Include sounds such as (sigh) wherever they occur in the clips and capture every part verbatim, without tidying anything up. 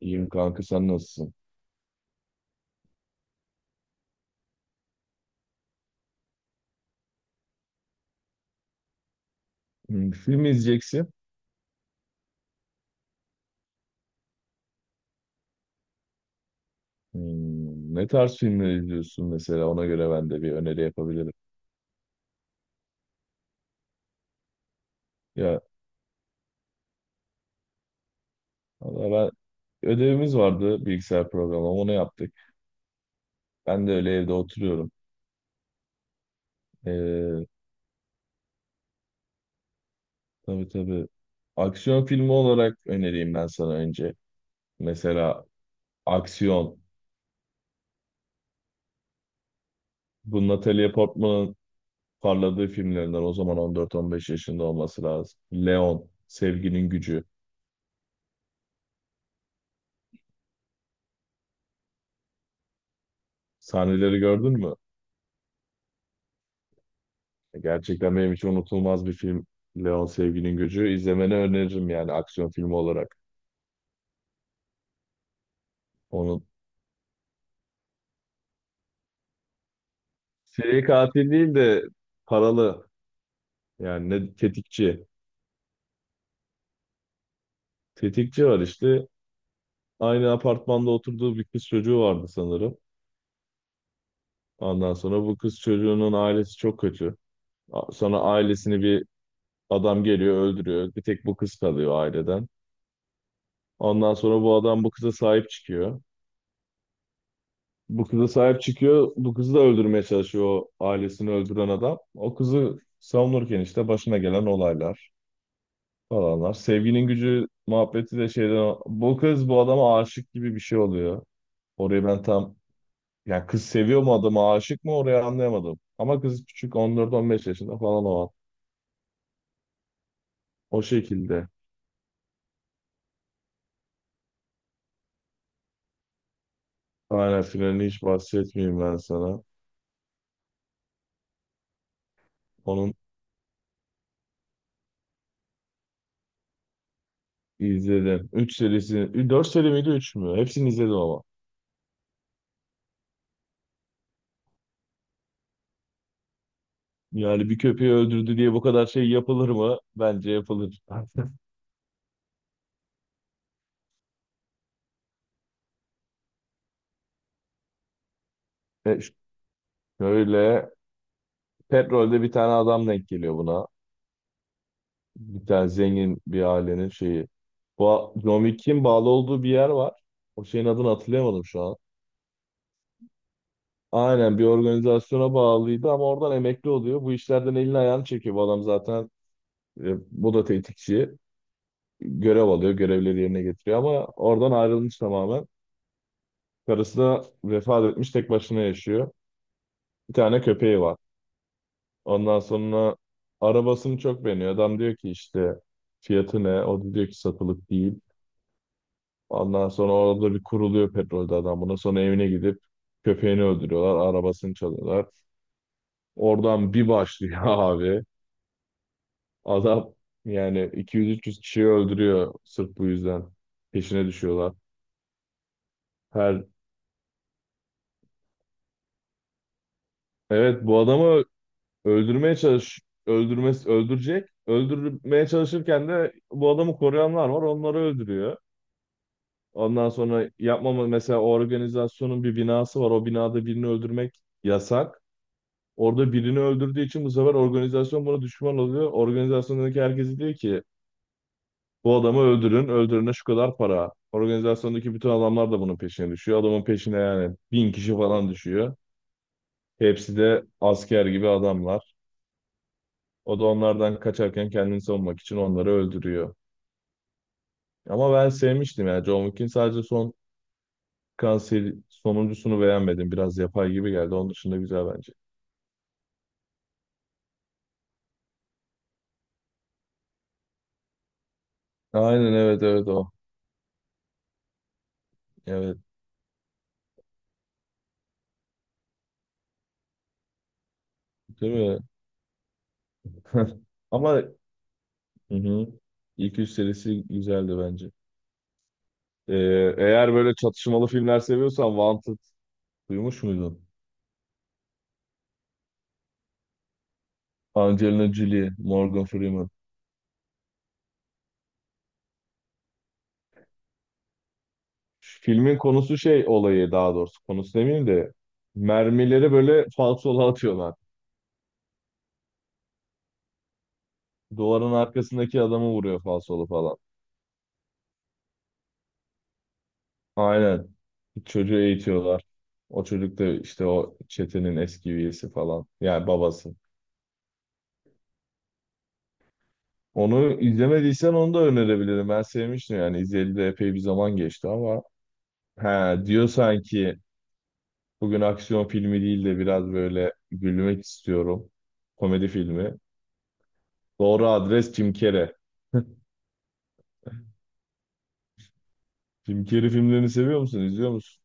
İyiyim kanka, sen nasılsın? Hmm, film izleyeceksin. Hmm, ne tarz filmler izliyorsun mesela? Ona göre ben de bir öneri yapabilirim. Ya valla, ben ödevimiz vardı, bilgisayar programı, onu yaptık. Ben de öyle evde oturuyorum. Ee, tabii tabii. Aksiyon filmi olarak önereyim ben sana önce. Mesela aksiyon. Bu Natalie Portman'ın parladığı filmlerinden, o zaman on dört on beş yaşında olması lazım. Leon, Sevginin Gücü. Sahneleri gördün mü? Gerçekten benim için unutulmaz bir film. Leon Sevginin Gücü. İzlemeni öneririm yani, aksiyon filmi olarak. Onun seri katil değil de paralı yani, ne, tetikçi. Tetikçi var işte. Aynı apartmanda oturduğu bir kız çocuğu vardı sanırım. Ondan sonra bu kız çocuğunun ailesi çok kötü. A- Sonra ailesini bir adam geliyor öldürüyor. Bir tek bu kız kalıyor aileden. Ondan sonra bu adam bu kıza sahip çıkıyor. Bu kıza sahip çıkıyor. Bu kızı da öldürmeye çalışıyor o ailesini öldüren adam. O kızı savunurken işte başına gelen olaylar falanlar. Sevginin gücü muhabbeti de şeyden, bu kız bu adama aşık gibi bir şey oluyor. Orayı ben tam yani, kız seviyor mu adamı, aşık mı, orayı anlayamadım. Ama kız küçük, on dört on beş yaşında falan o an. O şekilde. Aynen, finalini hiç bahsetmeyeyim ben sana. Onun izledim. Üç serisi, dört seri miydi üç mü? Hepsini izledim ama. Yani bir köpeği öldürdü diye bu kadar şey yapılır mı? Bence yapılır. (laughs) E, şöyle, petrolde bir tane adam denk geliyor buna. Bir tane zengin bir ailenin şeyi. Bu John Wick'in bağlı olduğu bir yer var. O şeyin adını hatırlayamadım şu an. Aynen, bir organizasyona bağlıydı ama oradan emekli oluyor. Bu işlerden elini ayağını çekiyor. Bu adam zaten, e, bu da tetikçi. Görev alıyor, görevleri yerine getiriyor ama oradan ayrılmış tamamen. Karısı da vefat etmiş, tek başına yaşıyor. Bir tane köpeği var. Ondan sonra arabasını çok beğeniyor. Adam diyor ki işte fiyatı ne? O da diyor ki satılık değil. Ondan sonra orada bir kuruluyor petrolde adam buna. Sonra evine gidip köpeğini öldürüyorlar. Arabasını çalıyorlar. Oradan bir başlıyor (laughs) abi. Adam yani iki yüz üç yüz kişiyi öldürüyor sırf bu yüzden. Peşine düşüyorlar. Her evet, bu adamı öldürmeye çalış, öldürmesi öldürecek. Öldürmeye çalışırken de bu adamı koruyanlar var. Onları öldürüyor. Ondan sonra yapmama mesela, o organizasyonun bir binası var. O binada birini öldürmek yasak. Orada birini öldürdüğü için bu sefer organizasyon buna düşman oluyor. Organizasyondaki herkes diyor ki bu adamı öldürün, öldürene şu kadar para. Organizasyondaki bütün adamlar da bunun peşine düşüyor. Adamın peşine yani bin kişi falan düşüyor. Hepsi de asker gibi adamlar. O da onlardan kaçarken kendini savunmak için onları öldürüyor. Ama ben sevmiştim yani, John Wick'in sadece son, Kanser, sonuncusunu beğenmedim. Biraz yapay gibi geldi. Onun dışında güzel bence. Aynen, evet evet, o. Evet, değil mi? (laughs) Ama hı hı. İlk üç serisi güzeldi bence. Ee, eğer böyle çatışmalı filmler seviyorsan, Wanted, duymuş muydun? Angelina Jolie, Morgan Freeman. Filmin konusu şey, olayı, daha doğrusu konusu demeyeyim de mermileri böyle falsola atıyorlar. Duvarın arkasındaki adamı vuruyor falsolu falan. Aynen. Çocuğu eğitiyorlar. O çocuk da işte o çetenin eski üyesi falan. Yani babası. Onu izlemediysen onu da önerebilirim. Ben sevmiştim yani. İzleyeli de epey bir zaman geçti ama. He, diyor sanki bugün aksiyon filmi değil de biraz böyle gülmek istiyorum. Komedi filmi. Doğru adres Jim Carrey. Jim Carrey filmlerini seviyor musun? İzliyor musun?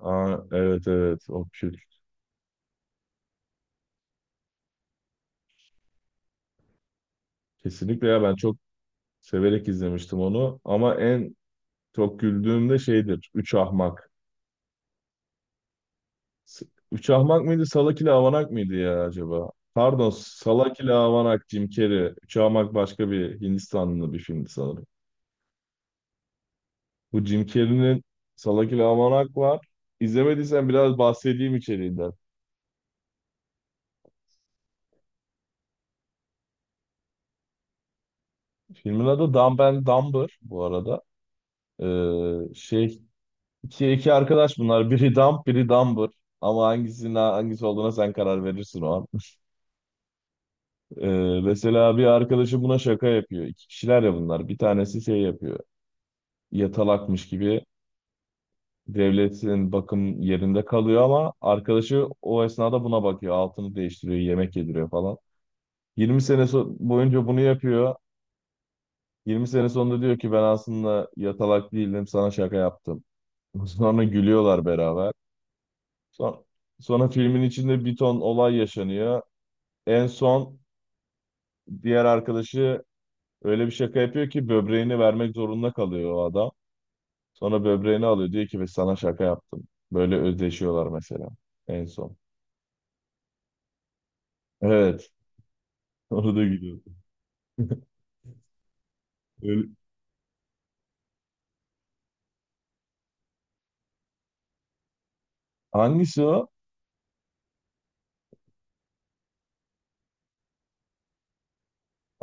Aa, evet evet. O kült. Kesinlikle ya, ben çok severek izlemiştim onu. Ama en çok güldüğüm de şeydir. Üç Ahmak. S- Uçahmak mıydı, Salak ile Avanak mıydı ya acaba? Pardon, Salak ile Avanak, Jim Carrey. Uçahmak başka bir Hindistanlı bir filmdi sanırım. Bu Jim Carrey'nin Salak ile Avanak var. İzlemediysen biraz bahsedeyim içeriğinden. Filmin adı Dumb and Dumber bu arada. Ee, şey iki, iki arkadaş bunlar. Biri Dumb, biri Dumber. Ama hangisinin hangisi olduğuna sen karar verirsin o an. (laughs) Ee, mesela bir arkadaşı buna şaka yapıyor. İki kişiler ya bunlar. Bir tanesi şey yapıyor, yatalakmış gibi, devletin bakım yerinde kalıyor ama arkadaşı o esnada buna bakıyor. Altını değiştiriyor, yemek yediriyor falan. Yirmi sene so- boyunca bunu yapıyor. Yirmi sene sonunda diyor ki ben aslında yatalak değildim, sana şaka yaptım. (laughs) Sonra gülüyorlar beraber. Son- sonra filmin içinde bir ton olay yaşanıyor. En son diğer arkadaşı öyle bir şaka yapıyor ki böbreğini vermek zorunda kalıyor o adam. Sonra böbreğini alıyor diyor ki ben sana şaka yaptım. Böyle özdeşiyorlar mesela en son. Evet. (laughs) Orada gidiyor. Öyle- Hangisi o?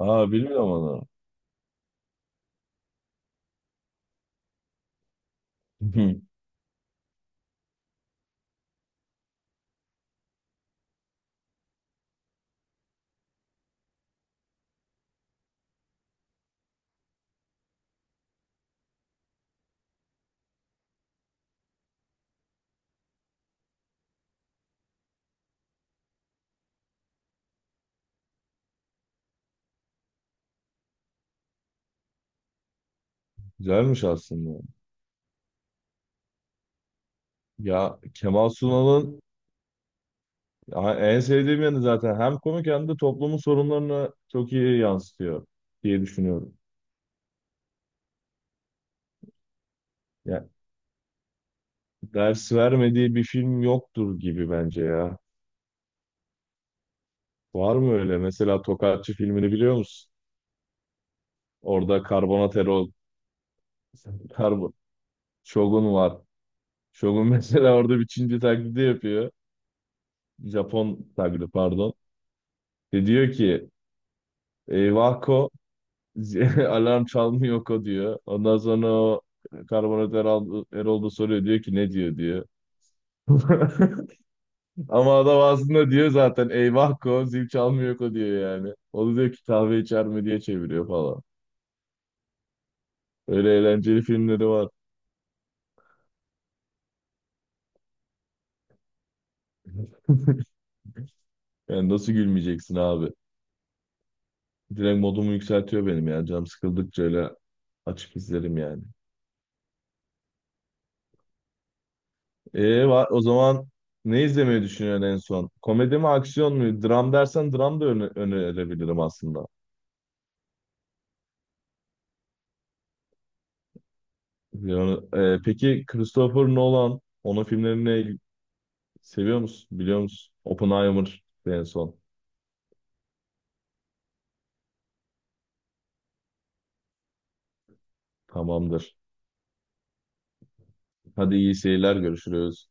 Aa, bilmiyorum onu. (laughs) Güzelmiş aslında. Ya Kemal Sunal'ın, ya en sevdiğim yanı zaten hem komik hem de toplumun sorunlarını çok iyi yansıtıyor diye düşünüyorum. Ya, ders vermediği bir film yoktur gibi bence ya. Var mı öyle? Mesela Tokatçı filmini biliyor musun? Orada karbonatero, karbon, Shogun var. Shogun (laughs) mesela orada bir Çinci taklidi yapıyor. Japon taklidi, pardon. Ve diyor ki eyvah ko (laughs) alarm çalmıyor ko diyor. Ondan sonra o karbonatör Erol, Erol da soruyor, diyor ki ne diyor diyor. (laughs) Ama adam aslında diyor zaten eyvah ko, zil çalmıyor ko diyor yani. O da diyor ki kahve içer mi diye çeviriyor falan. Öyle eğlenceli filmleri var. Yani nasıl gülmeyeceksin abi? Direkt modumu yükseltiyor benim yani. Canım sıkıldıkça öyle açıp izlerim yani. Ee, va- o zaman ne izlemeyi düşünüyorsun en son? Komedi mi, aksiyon mu? Dram dersen dram da öne önerebilirim aslında. Yani, e, peki Christopher Nolan, onun filmlerini seviyor musun? Biliyor musun? Oppenheimer en son. Tamamdır. Hadi iyi seyirler, görüşürüz.